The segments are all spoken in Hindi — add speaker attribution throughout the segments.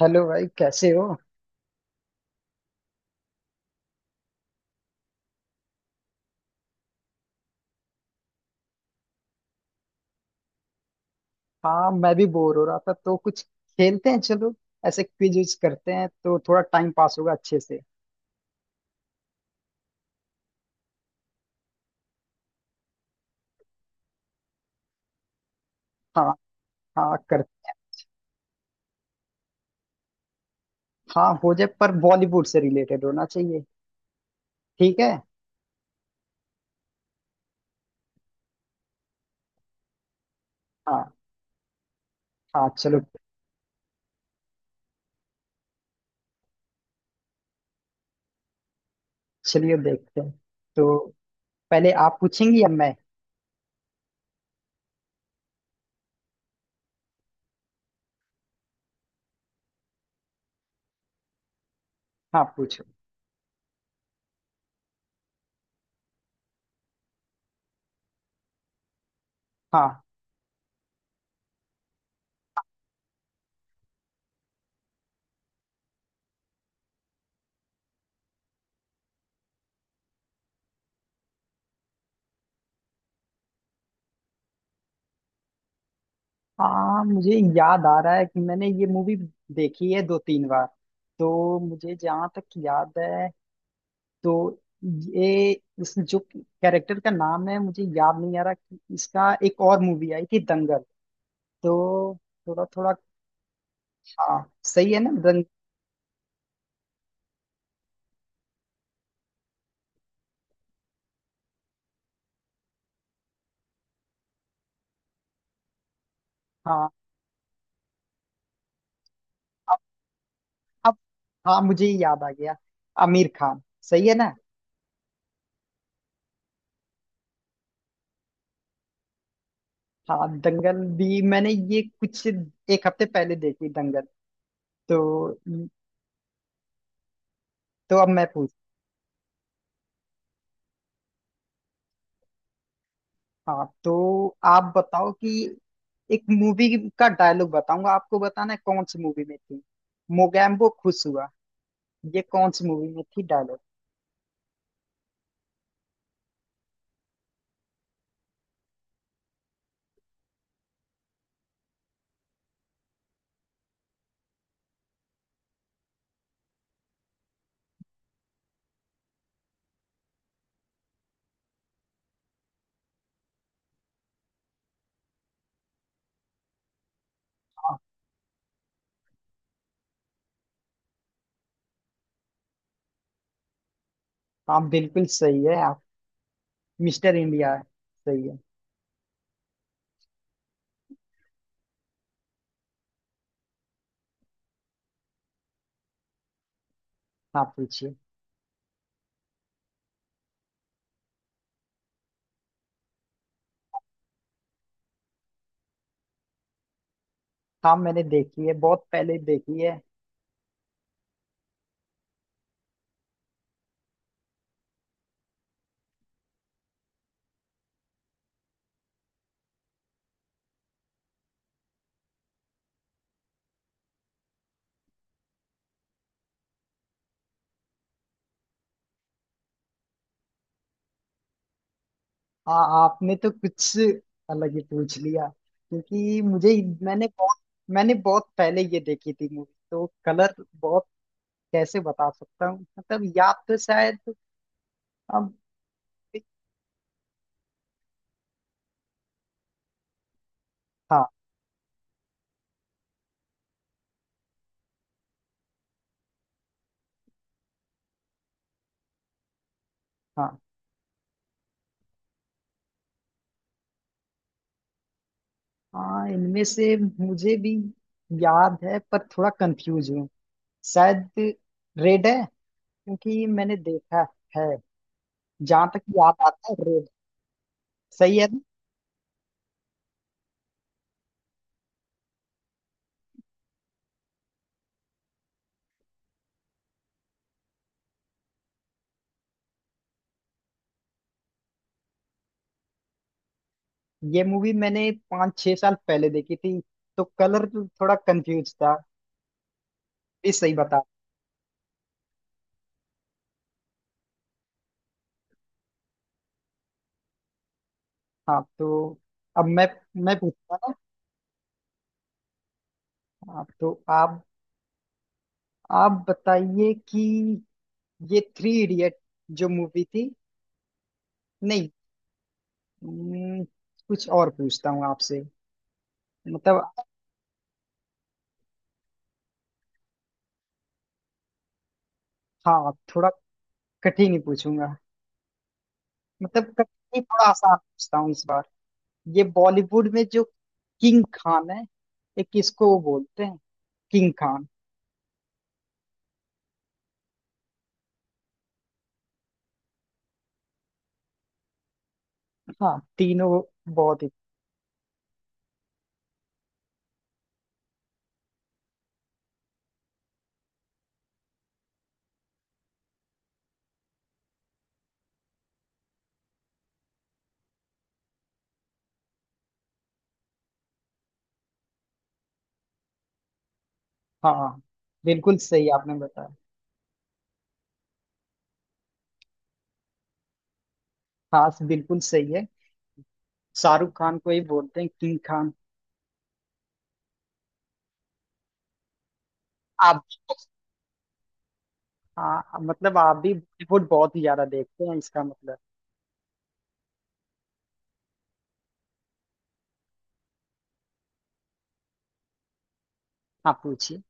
Speaker 1: हेलो भाई, कैसे हो? हाँ, मैं भी बोर हो रहा था तो कुछ खेलते हैं। चलो ऐसे क्विज विज करते हैं तो थोड़ा टाइम पास होगा अच्छे से। हाँ, हाँ कर। हाँ, हो जाए पर बॉलीवुड से रिलेटेड होना चाहिए। ठीक है। हाँ, हाँ, चलो। चलिए देखते हैं। तो पहले आप पूछेंगी या मैं? हाँ पूछो। हाँ, हाँ, मुझे याद आ रहा है कि मैंने ये मूवी देखी है 2 3 बार। तो मुझे जहाँ तक याद है, तो ये इस जो कैरेक्टर का नाम है मुझे याद नहीं आ रहा कि इसका, एक और मूवी आई थी दंगल, तो थोड़ा थोड़ा। हाँ सही है ना, दंग। हाँ अब अब, हाँ मुझे ये याद आ गया। आमिर खान, सही है ना? हाँ, दंगल भी मैंने ये कुछ एक हफ्ते पहले देखी, दंगल। तो तो अब मैं पूछ। हाँ तो आप बताओ कि एक मूवी का डायलॉग बताऊंगा, आपको बताना है कौन सी मूवी में थी। मोगैम्बो खुश हुआ। ये कौन सी मूवी में थी डायलॉग? हाँ, हाँ बिल्कुल सही है आप। मिस्टर इंडिया है। सही है। हाँ पूछिए। हाँ, मैंने देखी है, बहुत पहले देखी है। हाँ आपने तो कुछ अलग ही पूछ लिया। क्योंकि मुझे, मैंने बहुत मैंने बहुत पहले ये देखी थी मूवी, तो कलर, बहुत, कैसे बता सकता हूँ? मतलब याद तो शायद, अब। हाँ, हाँ, हाँ, इनमें से मुझे भी याद है, पर थोड़ा कंफ्यूज हूँ। शायद रेड है, क्योंकि मैंने देखा है, जहां तक याद आता है, रेड। सही है ना? ये मूवी मैंने 5 6 साल पहले देखी थी तो कलर थोड़ा कंफ्यूज था। ये सही बता। हाँ तो अब मैं पूछता हूँ। ना, हाँ, तो आप बताइए कि ये थ्री इडियट जो मूवी थी, नहीं, हम्म, कुछ और पूछता हूँ आपसे, मतलब। हाँ, थोड़ा कठिन ही पूछूंगा, मतलब कठिन ही, थोड़ा आसान पूछता हूँ इस बार। ये बॉलीवुड में जो किंग खान है, एक, किसको वो बोलते हैं किंग खान? हाँ तीनों बहुत ही। हाँ बिल्कुल सही आपने बताया। हाँ बिल्कुल सही है। शाहरुख खान को ही बोलते हैं किंग खान। आप, हाँ मतलब आप भी बॉलीवुड बहुत ही ज्यादा देखते हैं इसका मतलब। आप पूछिए।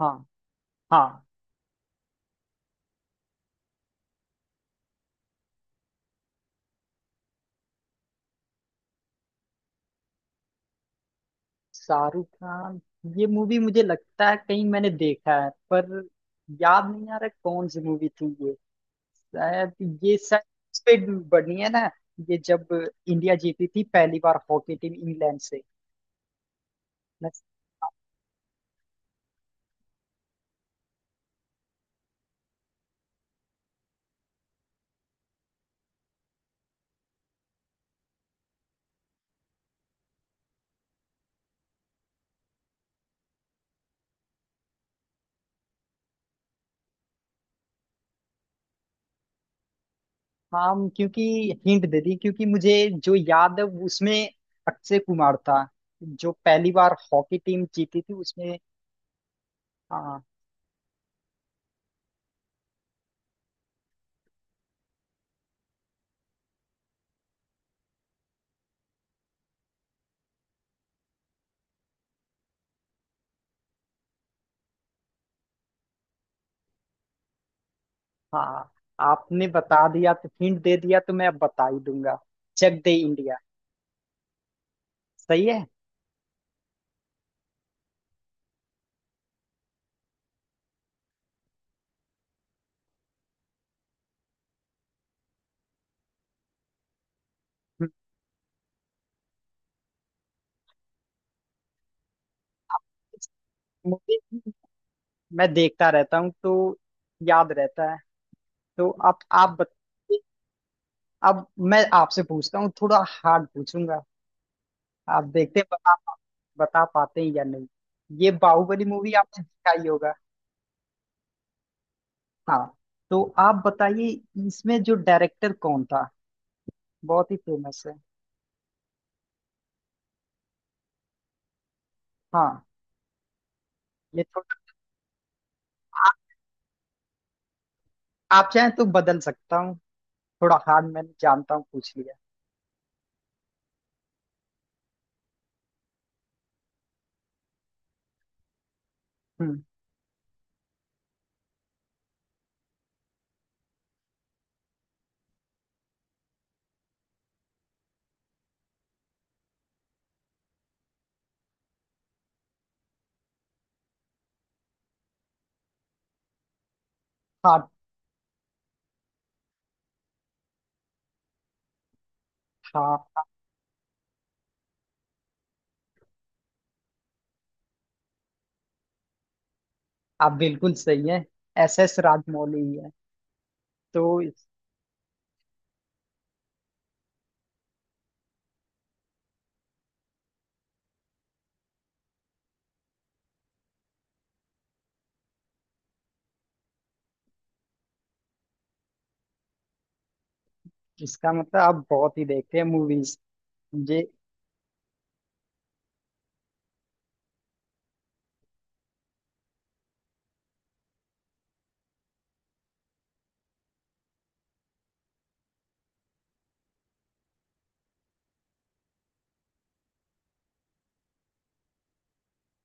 Speaker 1: हाँ, हाँ। शाहरुख खान, ये मूवी मुझे लगता है कहीं मैंने देखा है, पर याद नहीं आ रहा कौन सी मूवी थी। शायद पे बनी है ना, ये जब इंडिया जीती थी पहली बार हॉकी टीम इंग्लैंड से। मैं- हाँ, क्योंकि हिंट दे दी, क्योंकि मुझे जो याद है उसमें अक्षय कुमार था, जो पहली बार हॉकी टीम जीती थी उसमें। हाँ, हाँ आपने बता दिया, तो हिंट दे दिया तो मैं अब बता ही दूंगा। जग दे इंडिया, सही है। मूवी मैं देखता रहता हूँ तो याद रहता है। तो आप बताइए। अब मैं आपसे पूछता हूँ, थोड़ा हार्ड पूछूंगा। आप देखते हैं, बता बता पाते हैं या नहीं। ये बाहुबली मूवी आपने देखा ही होगा। हाँ तो आप बताइए, इसमें जो डायरेक्टर कौन था, बहुत ही फेमस है। हाँ, ये थोड़ा, आप चाहें तो बदल सकता हूँ, थोड़ा हार्ड, मैं जानता हूँ, पूछ लिया। हम्म। हाँ, हाँ, आप बिल्कुल सही है। SS राजमौली ही है। तो इसका मतलब आप बहुत ही देखते हैं मूवीज। ये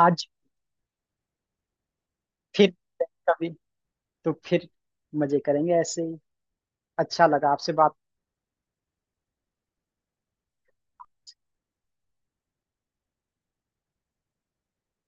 Speaker 1: आज फिर, कभी तो फिर मजे करेंगे ऐसे ही। अच्छा लगा आपसे बात।